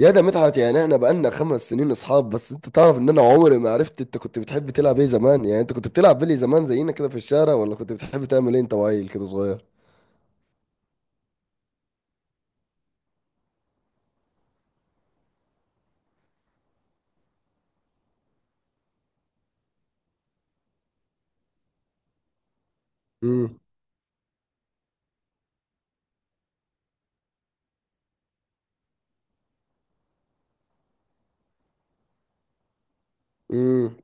يا ده مدحت، يعني احنا بقالنا 5 سنين اصحاب. بس انت تعرف ان انا عمري ما عرفت انت كنت بتحب تلعب ايه زمان؟ يعني انت كنت بتلعب بلي زمان زينا كده في الشارع، ولا كنت بتحب تعمل ايه انت وعيل كده صغير؟ امم امم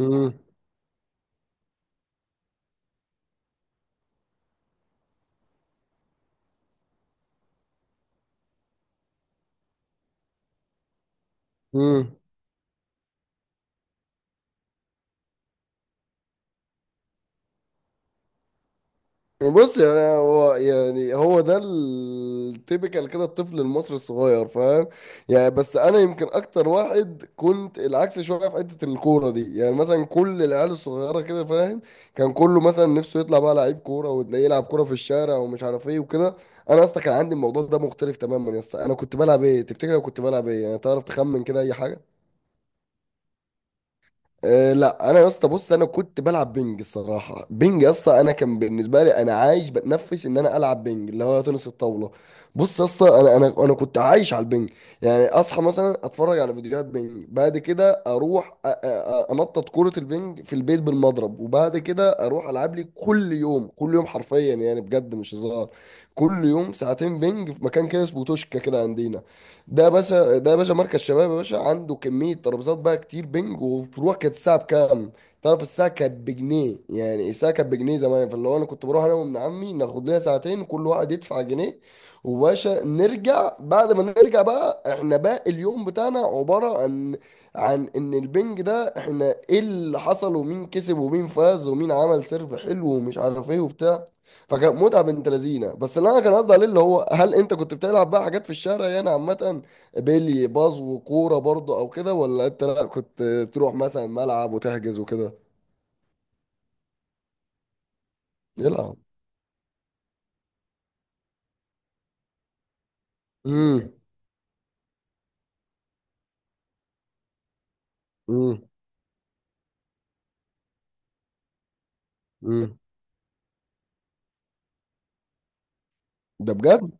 امم امم بص، يعني هو يعني هو ده التيبيكال كده الطفل المصري الصغير، فاهم؟ يعني بس انا يمكن اكتر واحد كنت العكس شويه في حته الكوره دي. يعني مثلا كل العيال الصغيره كده، فاهم؟ كان كله مثلا نفسه يطلع بقى لعيب كوره، وتلاقيه يلعب كوره في الشارع ومش عارف ايه وكده. انا اصلا كان عندي الموضوع ده مختلف تماما يا اسطى. انا كنت بلعب ايه تفتكر؟ أنا كنت بلعب ايه يعني، تعرف تخمن كده اي حاجه؟ أه، لا. انا يا اسطى بص، انا كنت بلعب بينج الصراحه. بينج يا اسطى، انا كان بالنسبه لي انا عايش بتنفس ان انا العب بينج، اللي هو تنس الطاوله. بص يا اسطى، انا كنت عايش على البينج. يعني اصحى مثلا اتفرج على فيديوهات بينج، بعد كده اروح انطط كره البينج في البيت بالمضرب، وبعد كده اروح العب لي كل يوم. كل يوم حرفيا يعني، بجد مش هزار. كل يوم ساعتين بينج في مكان كده اسمه توشكا كده عندنا. ده يا باشا، ده يا باشا مركز شباب يا باشا، عنده كمية ترابيزات بقى كتير بنج، وبتروح. كانت الساعة بكام؟ تعرف الساعة كانت بجنيه. يعني الساعة كانت بجنيه زمان. فاللي هو أنا كنت بروح أنا وابن عمي، ناخد لنا ساعتين، كل واحد يدفع جنيه. وباشا نرجع. بعد ما نرجع بقى احنا باقي اليوم بتاعنا عبارة عن، عن إن البنج ده احنا إيه اللي حصل، ومين كسب ومين فاز ومين عمل سيرف حلو ومش عارف إيه وبتاع. فكان متعه بنت لذينه. بس اللي انا كان قصدي عليه اللي هو، هل انت كنت بتلعب بقى حاجات في الشارع يعني عامه؟ بيلي، باز وكوره برضو، او كده؟ ولا انت لا كنت تروح مثلا ملعب وتحجز وكده؟ يلعب. امم امم امم ده بجد.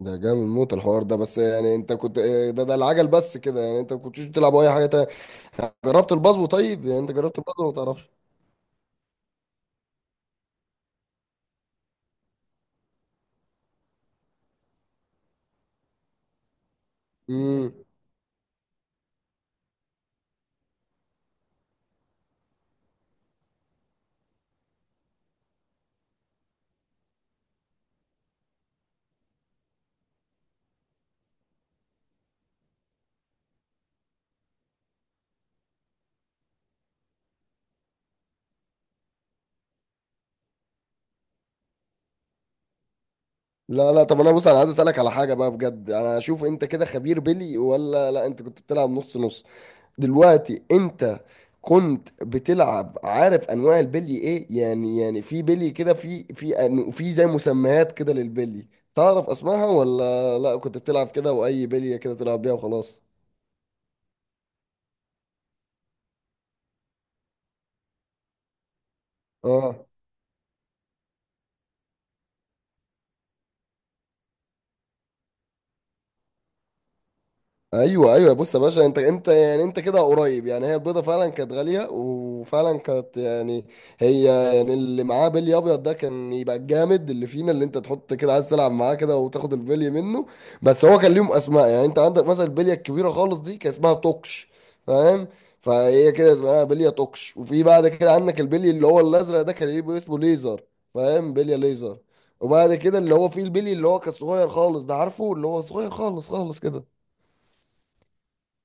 ده جامد موت الحوار ده. بس يعني انت كنت إيه، ده العجل بس كده؟ يعني انت ما كنتش بتلعب اي حاجه تانية؟ جربت البازو؟ طيب يعني انت جربت البازو ولا ما تعرفش؟ امم لا لا، طب انا بص، انا عايز اسالك على حاجه بقى بجد. انا اشوف انت كده خبير بيلي، ولا لا انت كنت بتلعب نص نص؟ دلوقتي انت كنت بتلعب، عارف انواع البلي ايه يعني؟ يعني في بلي كده، في زي مسميات كده للبلي. تعرف اسمها، ولا لا كنت بتلعب كده واي بليه كده تلعب بيها وخلاص؟ اه، ايوه ايوه. بص يا باشا، انت يعني انت كده قريب. يعني هي البيضه فعلا كانت غاليه، وفعلا كانت يعني، هي، يعني اللي معاه بلي ابيض ده كان يبقى الجامد اللي فينا، اللي انت تحط كده عايز تلعب معاه كده وتاخد البلي منه. بس هو كان ليهم اسماء. يعني انت عندك مثلا البليه الكبيره خالص دي، كان اسمها توكش، فاهم؟ فهي كده اسمها بليه توكش. وفي بعد كده عندك البلي اللي هو الازرق ده، كان يبقى اسمه ليزر، فاهم؟ بليه ليزر. وبعد كده اللي هو فيه البلي اللي هو كان صغير خالص ده، عارفه؟ اللي هو صغير خالص خالص كده.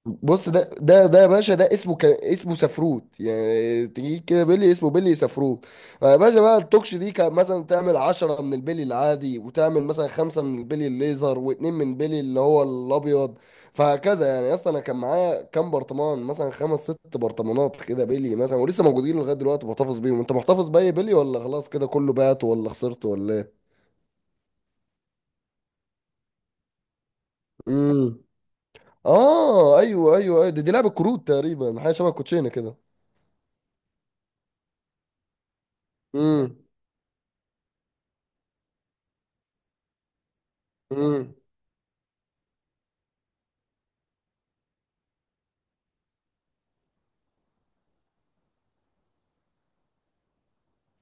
بص، ده يا باشا ده اسمه اسمه سفروت. يعني تجي كده بيلي اسمه بيلي سفروت. فيا باشا بقى، التوكش دي كان مثلا تعمل 10 من البيلي العادي، وتعمل مثلا 5 من البيلي الليزر، واتنين من بيلي اللي هو الابيض. فهكذا. يعني اصلا انا كان معايا كام برطمان، مثلا خمس ست برطمانات كده بيلي مثلا، ولسه موجودين لغايه دلوقتي، بحتفظ بيهم. انت محتفظ باي بيلي، ولا خلاص كده كله بات، ولا خسرت، ولا ايه؟ امم اه، ايوه ايوه ايوه. دي، لعبه كروت تقريبا، حاجه شبه الكوتشينه كده. امم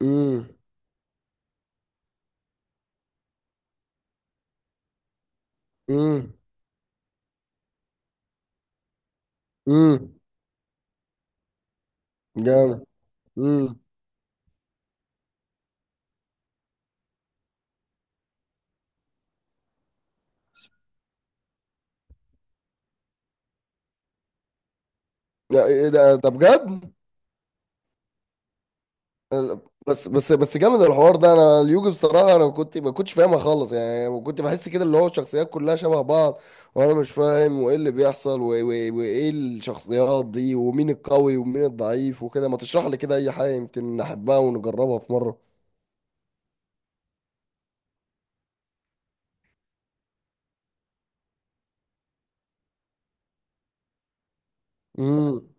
امم امم امم جامد. امم لا، ايه ده، ده بجد. بس جامد الحوار ده. انا اليوجي بصراحه انا كنت ما كنتش فاهمها خالص. يعني كنت بحس كده اللي هو الشخصيات كلها شبه بعض وانا مش فاهم، وايه اللي بيحصل وايه الشخصيات دي، ومين القوي ومين الضعيف وكده. ما تشرح لي كده اي حاجه، يمكن نحبها ونجربها في مره. امم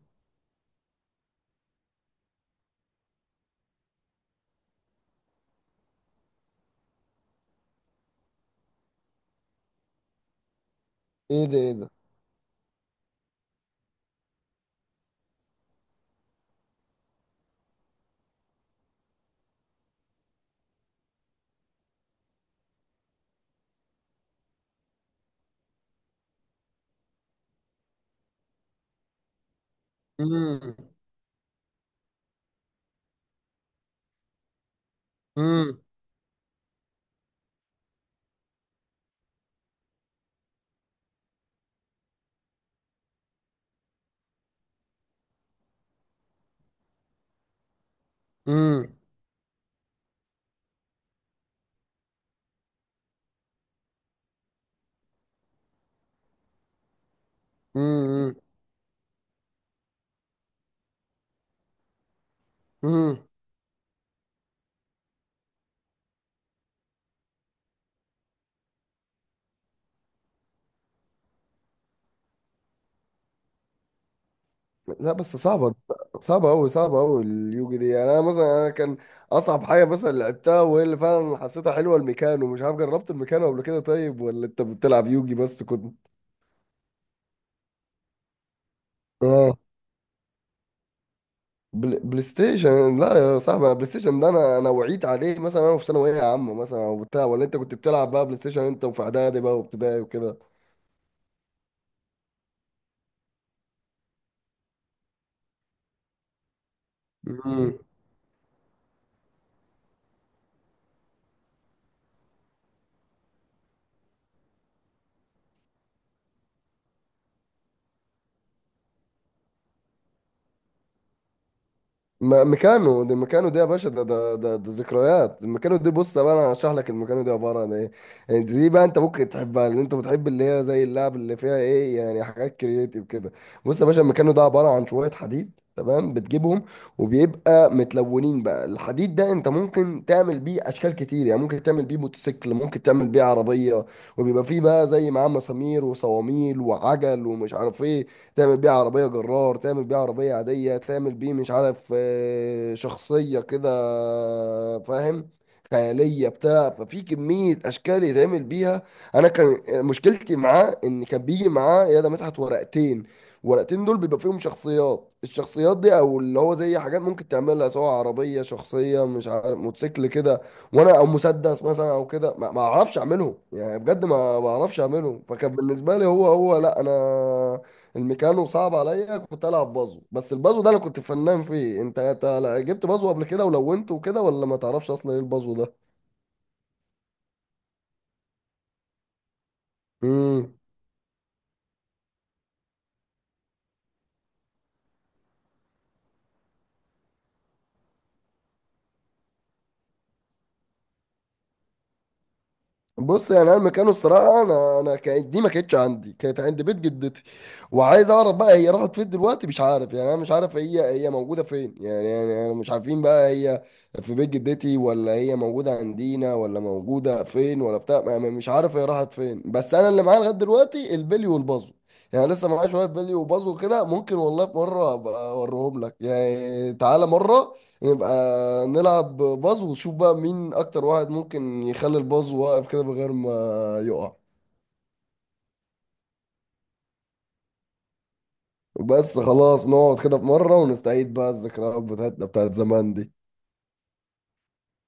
ايه ده، ايه ده. امم امم امم امم لا بس صعبة. صعبة أوي، صعبة أوي اليوجي دي. يعني أنا مثلا أنا كان أصعب حاجة مثلا لعبتها، وهي اللي فعلا حسيتها حلوة، الميكانو. مش عارف، جربت الميكانو قبل كده طيب، ولا أنت بتلعب يوجي بس كنت؟ آه. بلاي ستيشن لا يا صاحبي. أنا بلاي ستيشن ده أنا وعيت عليه مثلا أنا في ثانوية عامة مثلا أو بتاع. ولا أنت كنت بتلعب بقى بلاي ستيشن أنت وفي إعدادي بقى وابتدائي وكده؟ مم. ميكانو ده، ميكانو ده يا باشا، ده ذكريات الميكانو دي. بص بقى، انا هشرح لك الميكانو دي عباره عن ايه. يعني دي بقى انت ممكن تحبها، لان انت بتحب اللي هي زي اللعب اللي فيها ايه، يعني حاجات كرييتيف كده. بص يا باشا، الميكانو ده عباره عن شويه حديد تمام، بتجيبهم، وبيبقى متلونين بقى. الحديد ده انت ممكن تعمل بيه اشكال كتير. يعني ممكن تعمل بيه موتوسيكل، ممكن تعمل بيه عربيه، وبيبقى فيه بقى زي معاه مسامير وصواميل وعجل ومش عارف ايه. تعمل بيه عربية جرار، تعمل بيه عربية عادية، تعمل بيه مش عارف شخصية كده، فاهم؟ خيالية بتاع. ففي كمية أشكال يتعمل بيها. أنا كان مشكلتي معاه إن كان بيجي معاه يا ده مدحت ورقتين. ورقتين دول بيبقى فيهم شخصيات، الشخصيات دي او اللي هو زي حاجات ممكن تعملها سواء عربيه شخصيه مش عارف موتوسيكل كده، وانا او مسدس مثلا او كده، ما اعرفش اعملهم. يعني بجد ما بعرفش اعملهم. فكان بالنسبه لي هو، لا انا، الميكانو صعب عليا. كنت العب بازو، بس البازو ده انا كنت فنان فيه. انت جبت بازو قبل كده ولونته وكده، ولا ما تعرفش اصلا ايه البازو ده؟ امم بص، يعني انا مكانه الصراحه، انا كانت دي ما كانتش عندي، كانت عند بيت جدتي. وعايز اعرف بقى هي راحت فين دلوقتي، مش عارف. يعني انا مش عارف هي موجوده فين يعني. يعني انا مش عارفين بقى هي في بيت جدتي، ولا هي موجوده عندنا، ولا موجوده فين، ولا بتاع، مش عارف هي راحت فين. بس انا اللي معايا لغايه دلوقتي البلي والبازو. يعني لسه معايا شويه بلي وبازو كده. ممكن والله في مره ابقى اوريهم لك، يعني تعالى مره يبقى نلعب باز، ونشوف بقى مين اكتر واحد ممكن يخلي الباز واقف كده من غير ما يقع. بس خلاص، نقعد كده في مرة ونستعيد بقى الذكريات بتاعتنا بتاعت زمان دي.